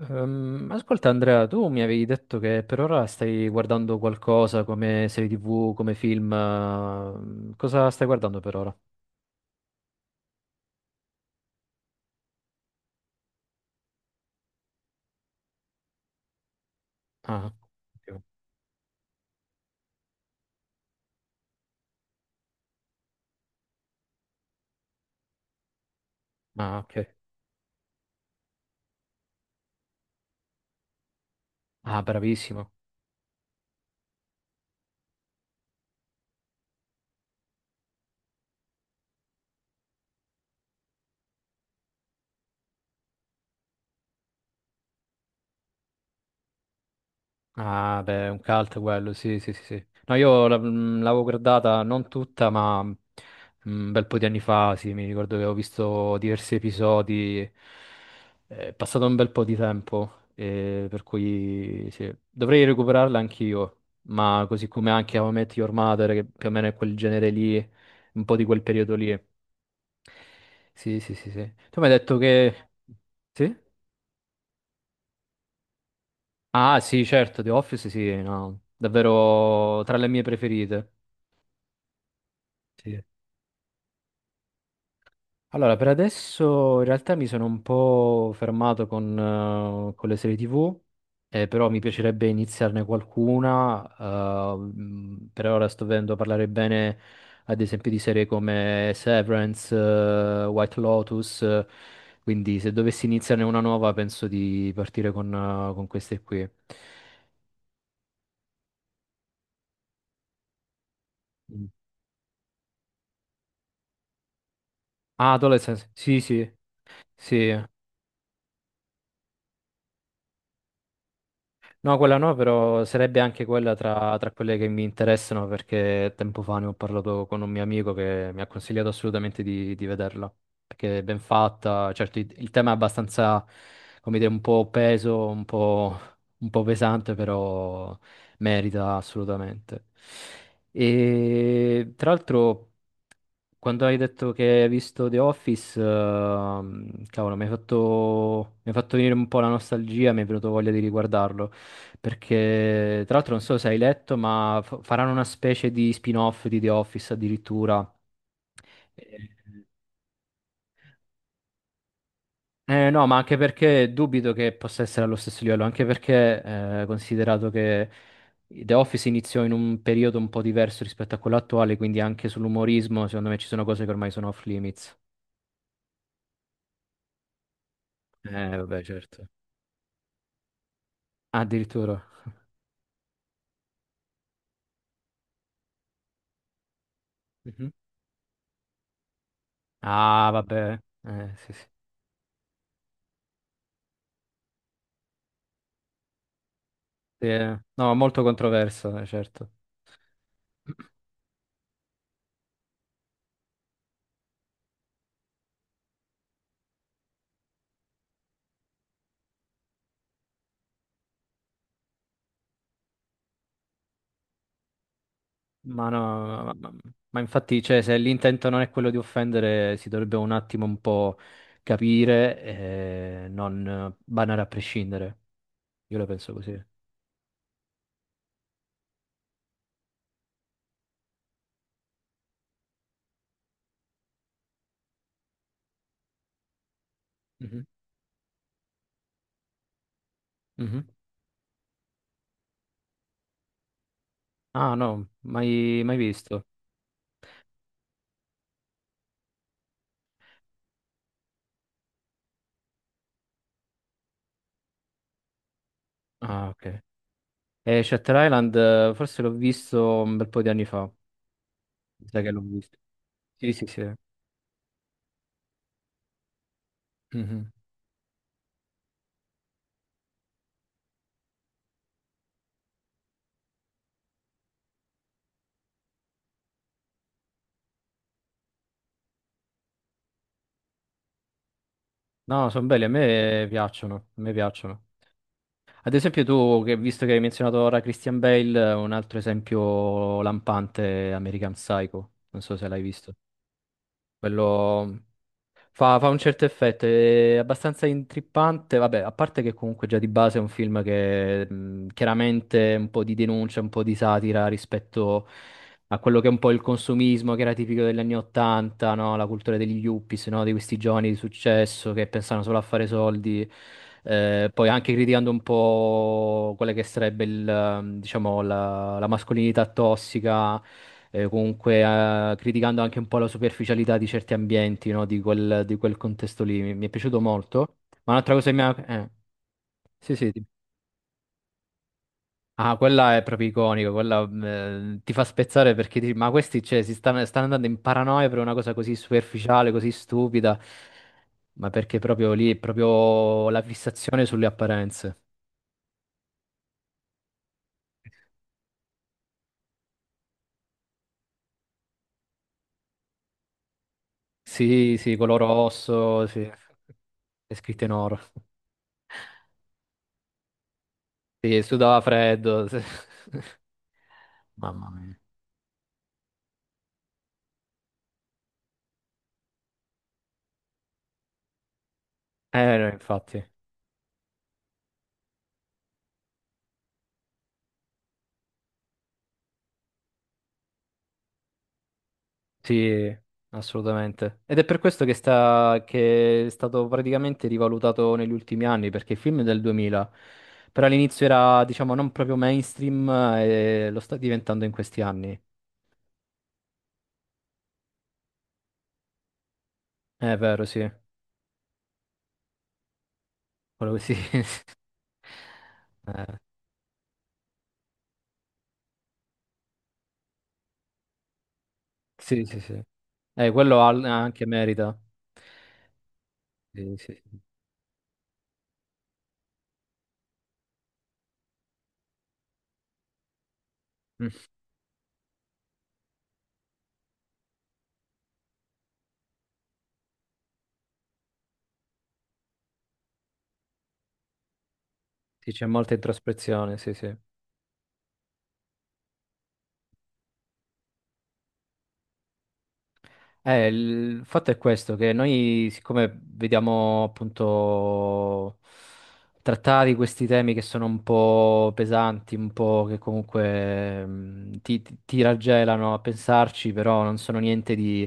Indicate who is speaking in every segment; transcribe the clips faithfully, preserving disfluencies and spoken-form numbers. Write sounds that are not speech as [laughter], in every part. Speaker 1: Ehm, ascolta Andrea, tu mi avevi detto che per ora stai guardando qualcosa come serie T V, come film. Ehm, cosa stai guardando per ora? Ah, ok. Ah, ok. Ah, bravissimo. Ah, beh, è un cult quello, sì, sì, sì, sì. No, io la- mm, l'avevo guardata non tutta, ma mm, un bel po' di anni fa, sì, mi ricordo che avevo visto diversi episodi. È passato un bel po' di tempo, eh, per cui sì, dovrei recuperarla anch'io, ma così come anche How I Met Your Mother, che più o meno è quel genere lì, un po' di quel periodo lì. Sì, sì, sì, sì. Tu mi hai detto che... Sì? Ah, sì, certo, The Office, sì, no, davvero tra le mie preferite. Sì. Allora, per adesso in realtà mi sono un po' fermato con, eh, con le serie T V, eh, però mi piacerebbe iniziarne qualcuna. Eh, mh, per ora sto vedendo parlare bene, ad esempio, di serie come Severance, eh, White Lotus, eh, quindi se dovessi iniziarne una nuova penso di partire con, eh, con queste qui. Mm. Ah, Adolescence, sì, sì, sì. No, quella no, però sarebbe anche quella tra, tra quelle che mi interessano perché tempo fa ne ho parlato con un mio amico che mi ha consigliato assolutamente di, di vederla, perché è ben fatta, certo il, il tema è abbastanza, come dire, un po' peso, un po', un po' pesante, però merita assolutamente. E tra l'altro... Quando hai detto che hai visto The Office, ehm, cavolo, mi hai fatto, mi hai fatto venire un po' la nostalgia, mi è venuto voglia di riguardarlo. Perché, tra l'altro, non so se hai letto, ma fa- faranno una specie di spin-off di The Office addirittura. Eh, eh, no, ma anche perché dubito che possa essere allo stesso livello, anche perché, eh, considerato che The Office iniziò in un periodo un po' diverso rispetto a quello attuale, quindi anche sull'umorismo, secondo me ci sono cose che ormai sono off limits. Eh, vabbè, certo. Ah, addirittura. Mhm. Ah, vabbè. Eh, sì, sì. Sì, eh. No, molto controverso, eh, certo. Ma no, ma, ma- Ma infatti, cioè, se l'intento non è quello di offendere, si dovrebbe un attimo un po' capire e non banare a prescindere. Io la penso così. Mhm. Mhm. Ah, no, mai, mai visto. Ah, ok. E Shutter Island, eh, forse l'ho visto un bel po' di anni fa. Mi sa che l'ho visto. Sì, sì, sì. Mhm. No, sono belli, a me piacciono, a me piacciono. Ad esempio tu, che, visto che hai menzionato ora Christian Bale, un altro esempio lampante è American Psycho, non so se l'hai visto. Quello Fa, fa un certo effetto, è abbastanza intrippante, vabbè, a parte che comunque già di base è un film che mh, chiaramente un po' di denuncia, un po' di satira rispetto a quello che è un po' il consumismo che era tipico degli anni Ottanta, no? La cultura degli yuppies, no? Di questi giovani di successo che pensano solo a fare soldi. Eh, poi anche criticando un po' quella che sarebbe il, ehm, diciamo, la la mascolinità tossica, eh, comunque eh, criticando anche un po' la superficialità di certi ambienti, no, di quel, di quel contesto lì. Mi, mi è piaciuto molto. Ma un'altra cosa che mi ha... eh, sì, sì. di- Ah, quella è proprio iconica, quella, eh, ti fa spezzare perché dici, ma questi cioè, si stanno, stanno andando in paranoia per una cosa così superficiale, così stupida, ma perché proprio lì è proprio la fissazione sulle apparenze. Sì, sì, color rosso, sì, è scritto in oro. Sì, sudava freddo. Sì. [laughs] Mamma mia. Eh, no, infatti, sì, assolutamente. Ed è per questo che, sta, che è stato praticamente rivalutato negli ultimi anni, perché il film è del duemila, però all'inizio era, diciamo, non proprio mainstream, eh, e lo sta diventando in questi anni. Eh, È vero, sì. Quello sì. [laughs] Eh, sì, sì, sì. Eh, quello ha- anche merita. Sì, sì, sì. Mm. Sì, c'è molta introspezione, sì, sì. Eh, il fatto è questo, che noi siccome vediamo appunto trattati questi temi che sono un po' pesanti, un po' che comunque mm, ti, ti- ti raggelano a pensarci, però non sono niente di,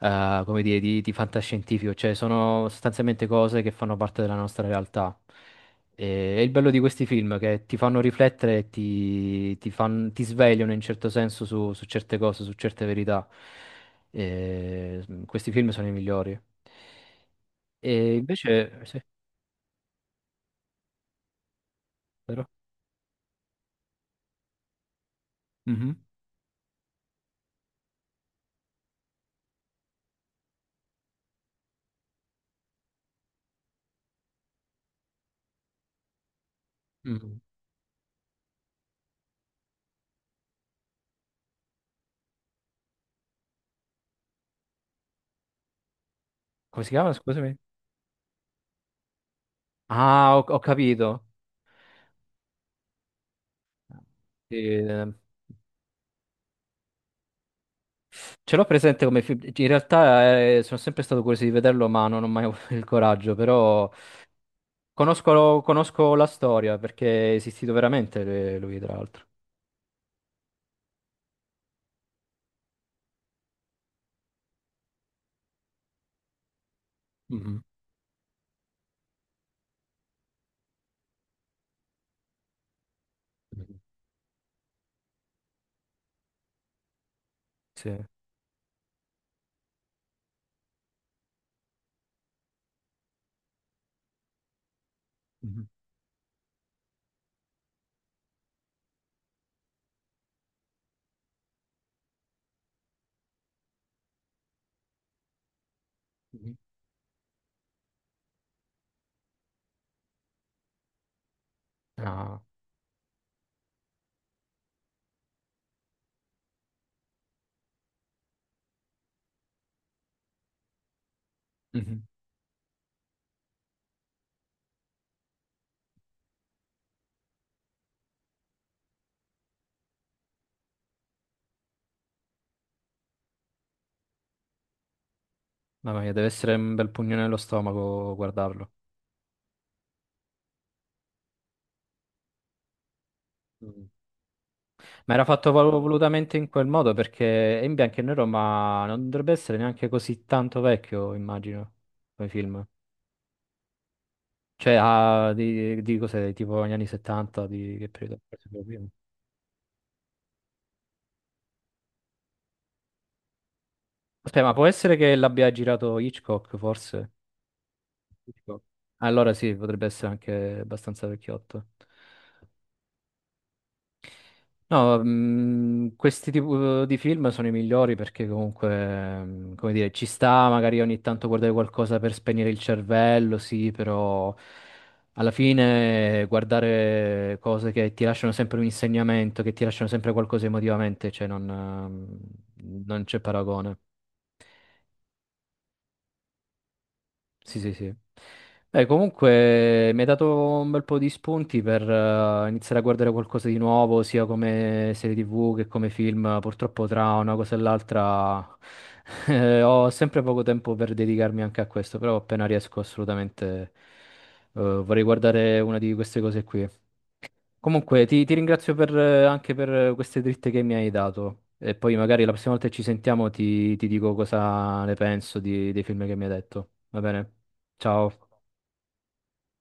Speaker 1: eh, come dire, di, di fantascientifico, cioè sono sostanzialmente cose che fanno parte della nostra realtà. E, e il bello di questi film è che ti fanno riflettere e ti, ti fan- ti svegliano in certo senso su su certe cose, su certe verità. E, mm, questi film sono i migliori. E invece, sì, vero? Mhm. Mm. Come si chiama? Scusami. Ah, ho, ho capito. Eh, ce l'ho presente come film. In realtà eh, sono sempre stato curioso di vederlo, ma non ho mai [laughs] avuto il coraggio. Però conosco, conosco la storia perché è esistito veramente, eh, lui, tra l'altro. Mhm. Mhm. Sì. Mhm. Mhm. Ah. Mhm. Mamma mia, deve essere un bel pugno nello stomaco guardarlo. Mm. Ma era fatto vol- volutamente in quel modo perché è in bianco e nero, ma non dovrebbe essere neanche così tanto vecchio, immagino, come film. Cioè, ha di, di cos'è, tipo negli anni settanta, di che periodo? Forse proprio prima. Aspetta, ma può essere che l'abbia girato Hitchcock, forse? Hitchcock. Allora sì, potrebbe essere anche abbastanza vecchiotto. No, mh, questi tipi di film sono i migliori perché comunque, mh, come dire, ci sta magari ogni tanto guardare qualcosa per spegnere il cervello, sì, però alla fine guardare cose che ti lasciano sempre un insegnamento, che ti lasciano sempre qualcosa emotivamente, cioè non, mh, non c'è paragone. Sì, sì, sì. Beh, comunque mi hai dato un bel po' di spunti per, eh, iniziare a guardare qualcosa di nuovo, sia come serie T V che come film. Purtroppo tra una cosa e l'altra [laughs] eh, ho sempre poco tempo per dedicarmi anche a questo, però appena riesco assolutamente, eh, vorrei guardare una di queste cose qui. Comunque, ti, ti ringrazio per, eh, anche per eh, queste dritte che mi hai dato. E poi magari la prossima volta che ci sentiamo ti, ti dico cosa ne penso di- dei film che mi hai detto. Va bene? Ciao.